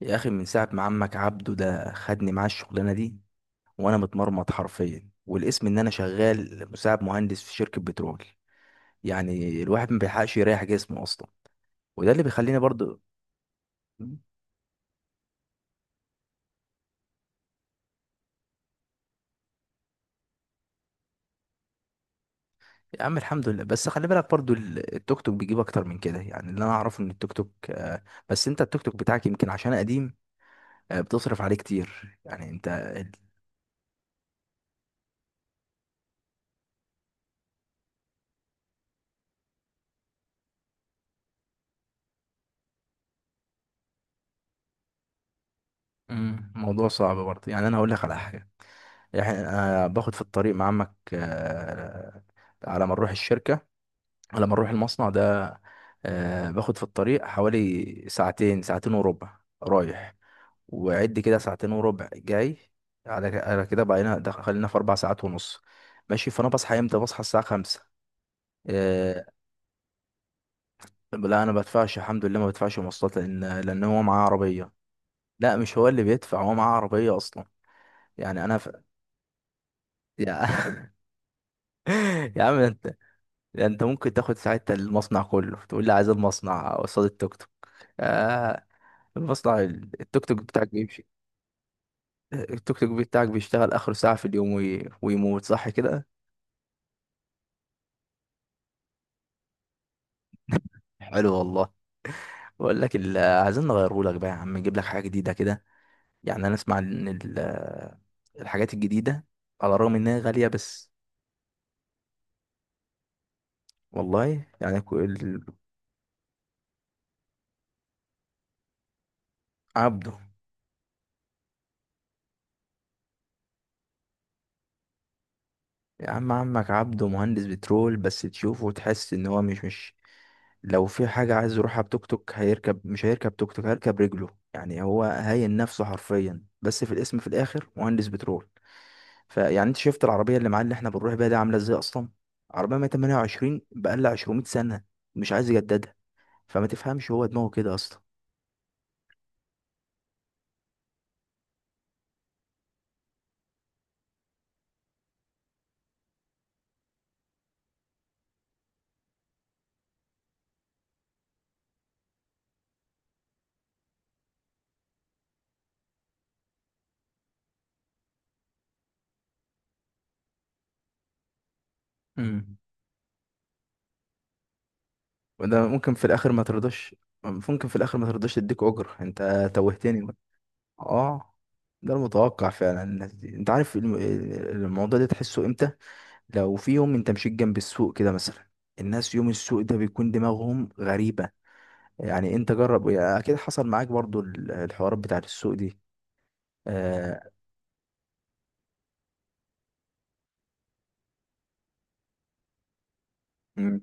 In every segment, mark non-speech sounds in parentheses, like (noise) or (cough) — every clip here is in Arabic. يا اخي، من ساعه ما عمك عبده ده خدني معاه الشغلانه دي وانا متمرمط حرفيا. والاسم ان انا شغال مساعد مهندس في شركه بترول. يعني الواحد ما بيلحقش يريح جسمه اصلا، وده اللي بيخليني برضو. يا عم الحمد لله، بس خلي بالك برضو التوك توك بيجيب اكتر من كده. يعني اللي انا اعرفه ان التوك توك بس انت التوك توك بتاعك يمكن عشان قديم، بتصرف عليه كتير. يعني انت الموضوع صعب برضه. يعني انا هقول لك على حاجه، يعني انا باخد في الطريق مع عمك، على ما نروح الشركه، لما اروح المصنع ده باخد في الطريق حوالي ساعتين، ساعتين وربع رايح، وعد كده ساعتين وربع جاي. على على كده بقينا خلينا في اربع ساعات ونص، ماشي. فانا بصحى امتى؟ بصحى الساعه خمسة. آه. لا انا بدفعش، الحمد لله ما بدفعش مواصلات، لان هو معاه عربيه. لا مش هو اللي بيدفع، هو معاه عربيه اصلا. يعني انا ف... يا (laughs) يا عم انت، انت ممكن تاخد ساعتها المصنع كله تقول لي عايز المصنع قصاد التوك توك. آه. المصنع التوك توك بتاعك بيمشي. التوك توك بتاعك بيشتغل آخر ساعة في اليوم وي... ويموت، صح كده؟ حلو والله. بقول لك عايزين نغيره لك بقى يا عم، نجيب لك حاجة جديدة كده. يعني أنا أسمع إن الحاجات الجديدة، على الرغم إنها غالية، بس. والله يعني عبده. يا عم عمك عبده مهندس بترول، بس تشوفه وتحس ان هو مش لو في حاجة عايز يروحها بتوك توك هيركب، مش هيركب توك توك، هيركب رجله. يعني هو هاين نفسه حرفيا، بس في الاسم في الاخر مهندس بترول. فيعني انت شفت العربية اللي معاه اللي احنا بنروح بيها دي عاملة ازاي اصلا؟ عربية 128 بقالها 200 سنة، مش عايز يجددها. فما تفهمش، هو دماغه كده اصلا. امم وده ممكن في الاخر ما ترضاش، ممكن في الاخر ما ترضاش تديك اجر. انت توهتني. اه. ده المتوقع فعلا. الناس دي انت عارف الموضوع ده تحسه امتى؟ لو في يوم انت مشيت جنب السوق كده مثلا. الناس يوم السوق ده بيكون دماغهم غريبة. يعني انت جرب، يعني اكيد حصل معاك برضو الحوارات بتاعت السوق دي. آه. مم.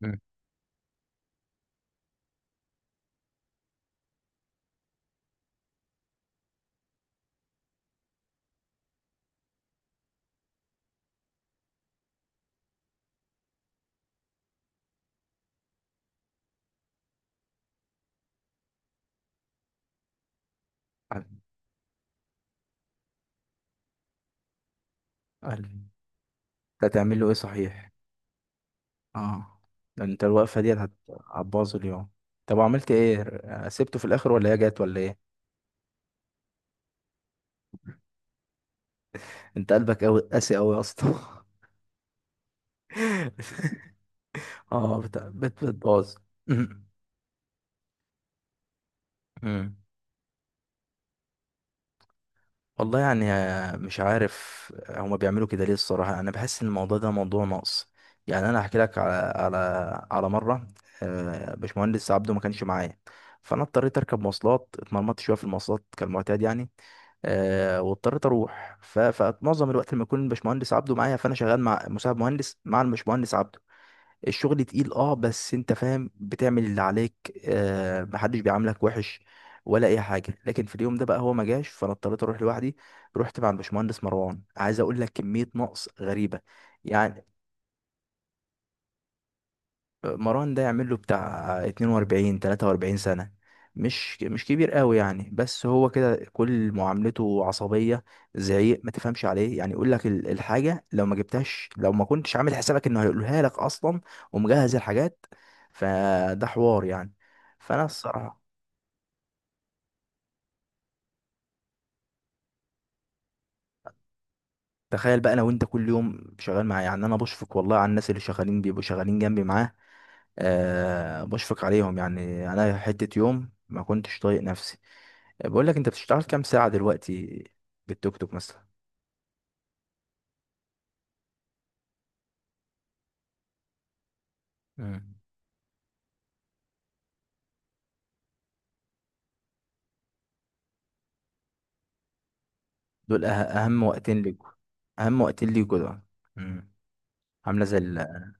مم. ال- ال- انت هتعمل له ايه صحيح؟ اه. ده انت الوقفة دي هتبوظ اليوم. طب وعملت ايه؟ سبته في الاخر ولا هي جت ولا ايه؟ انت قلبك قوي، قاسي قوي يا اسطى. (laughs) اه بتبوظ. (laughs) مم. والله يعني مش عارف هما بيعملوا كده ليه. الصراحة أنا بحس إن الموضوع ده موضوع نقص. يعني أنا هحكي لك على على على مرة، باشمهندس عبده ما كانش معايا، فأنا اضطريت أركب مواصلات، اتمرمطت شوية في المواصلات كالمعتاد يعني. واضطريت أروح فمعظم الوقت لما يكون الباشمهندس عبده معايا، فأنا شغال مع مساعد مهندس مع الباشمهندس عبده. الشغل تقيل، اه، بس انت فاهم بتعمل اللي عليك. آه، محدش بيعاملك وحش ولا اي حاجه. لكن في اليوم ده بقى هو ما جاش، فانا اضطريت اروح لوحدي. رحت مع الباشمهندس مروان، عايز اقول لك كميه نقص غريبه. يعني مروان ده يعمل له بتاع 42 43 سنة، مش كبير قوي يعني، بس هو كده كل معاملته عصبية، زعيق، ما تفهمش عليه. يعني يقول لك الحاجة لو ما جبتهاش، لو ما كنتش عامل حسابك انه هيقولها لك اصلا ومجهز الحاجات. فده حوار يعني، فانا الصراحة. تخيل بقى انا وانت كل يوم شغال معاه. يعني انا بشفق والله على الناس اللي شغالين، بيبقوا شغالين جنبي معاه. أه بشفق عليهم. يعني انا حتة يوم ما كنتش طايق نفسي. بقول لك، انت بتشتغل كام ساعة دلوقتي بالتوك توك مثلا؟ مم. دول اهم وقتين ليكوا. اهم وقتين ليكوا دول. مم. عاملة زي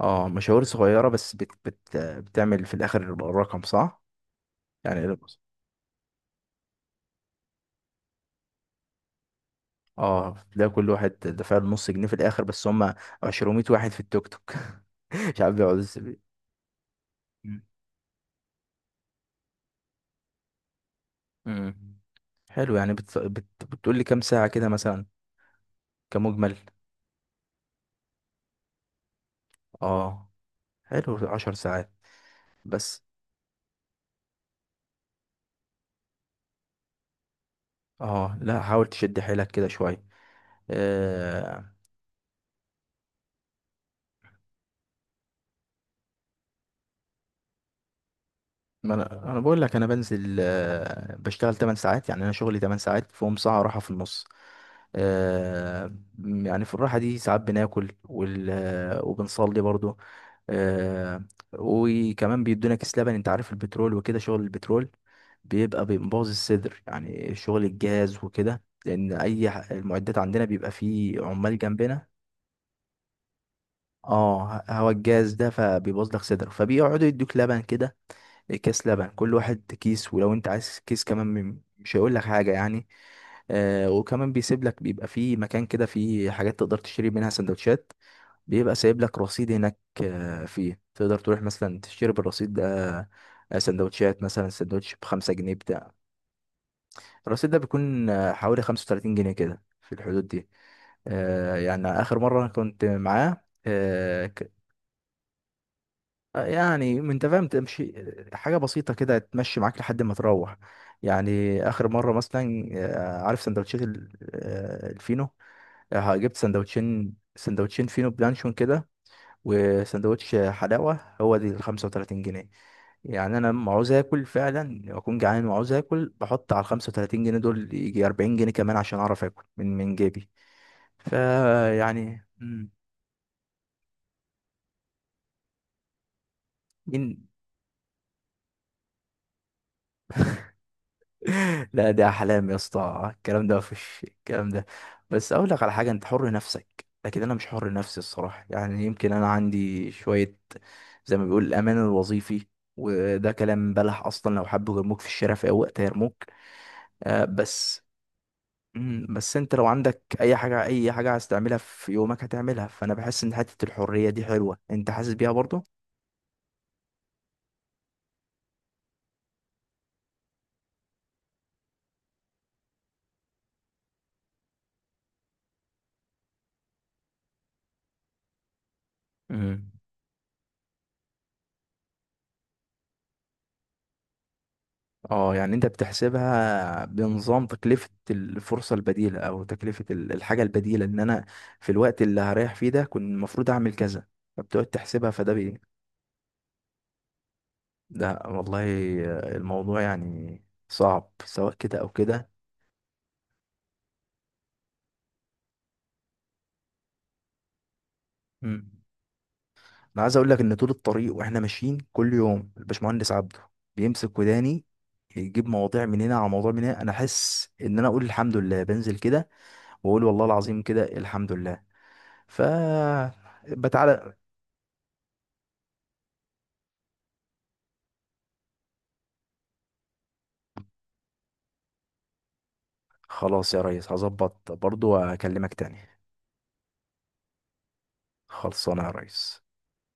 اه مشاوير صغيرة، بس بت بت بتعمل في الاخر رقم صح. يعني ايه الرقم؟ اه تلاقي كل واحد دفع له نص جنيه في الاخر، بس هم 200 واحد في التوك توك. (laughs) مش عارف بيقعدوا ازاي. مم. مم. حلو. يعني بتقول لي كام ساعة كده مثلا، كمجمل؟ اه، حلو، 10 ساعات بس. اه لا حاول تشد حيلك كده شويه. آه. ما انا بقول لك، انا بنزل آه بشتغل 8 ساعات. يعني انا شغلي 8 ساعات فيهم ساعه راحه في النص. آه. يعني في الراحه دي ساعات بناكل وبنصلي برضو. آه. وكمان بيدونا كيس لبن. انت عارف البترول وكده، شغل البترول بيبقى بيبوظ الصدر. يعني شغل الجاز وكده، لان اي المعدات عندنا بيبقى فيه عمال جنبنا. اه هوا الجاز ده فبيبوظ لك صدرك، فبيقعدوا يدوك لبن كده. كيس لبن كل واحد كيس، ولو انت عايز كيس كمان مش هيقول لك حاجه يعني. آه وكمان بيسيب لك، بيبقى في مكان كده فيه حاجات تقدر تشتري منها سندوتشات. بيبقى سايب لك رصيد هناك آه، فيه تقدر تروح مثلا تشتري بالرصيد ده سندوتشات. مثلا سندوتش بخمسة جنيه بتاع. الرصيد ده بيكون حوالي خمسة وتلاتين جنيه كده، في الحدود دي. آه يعني آخر مرة أنا كنت معاه، يعني انت فاهم تمشي، حاجه بسيطه كده تمشي معاك لحد ما تروح. يعني اخر مره مثلا عارف سندوتشات الفينو؟ جبت سندوتشين، سندوتشين فينو بلانشون كده وسندوتش حلاوه، هو دي ال 35 جنيه. يعني انا لما عاوز اكل فعلا، اكون جعان وعاوز اكل، بحط على ال 35 جنيه دول يجي 40 جنيه كمان عشان اعرف اكل من من جيبي. فيعني. (laughs) لا ده احلام يا اسطى، الكلام ده مفيش. الكلام ده بس اقول لك على حاجه: انت حر نفسك لكن انا مش حر نفسي الصراحه. يعني يمكن انا عندي شويه زي ما بيقول الامان الوظيفي، وده كلام بلح اصلا. لو حبوا يرموك في الشارع في اي وقت هيرموك. آه بس، بس انت لو عندك اي حاجه اي حاجه عايز تعملها في يومك هتعملها، فانا بحس ان حته الحريه دي حلوه. انت حاسس بيها برضو. مم. اه يعني انت بتحسبها بنظام تكلفة الفرصة البديلة، او تكلفة الحاجة البديلة. ان انا في الوقت اللي هريح فيه ده كنت المفروض اعمل كذا، فبتقعد تحسبها. فده بي. ده والله الموضوع يعني صعب، سواء كده او كده. مم. انا عايز اقول لك ان طول الطريق واحنا ماشيين كل يوم الباشمهندس عبده بيمسك وداني، يجيب مواضيع من هنا على مواضيع من هنا. انا احس ان انا اقول الحمد لله بنزل كده، واقول والله العظيم كده الحمد لله. ف بتعالى. خلاص يا ريس، هظبط برضو واكلمك تاني. خلصانه يا ريس.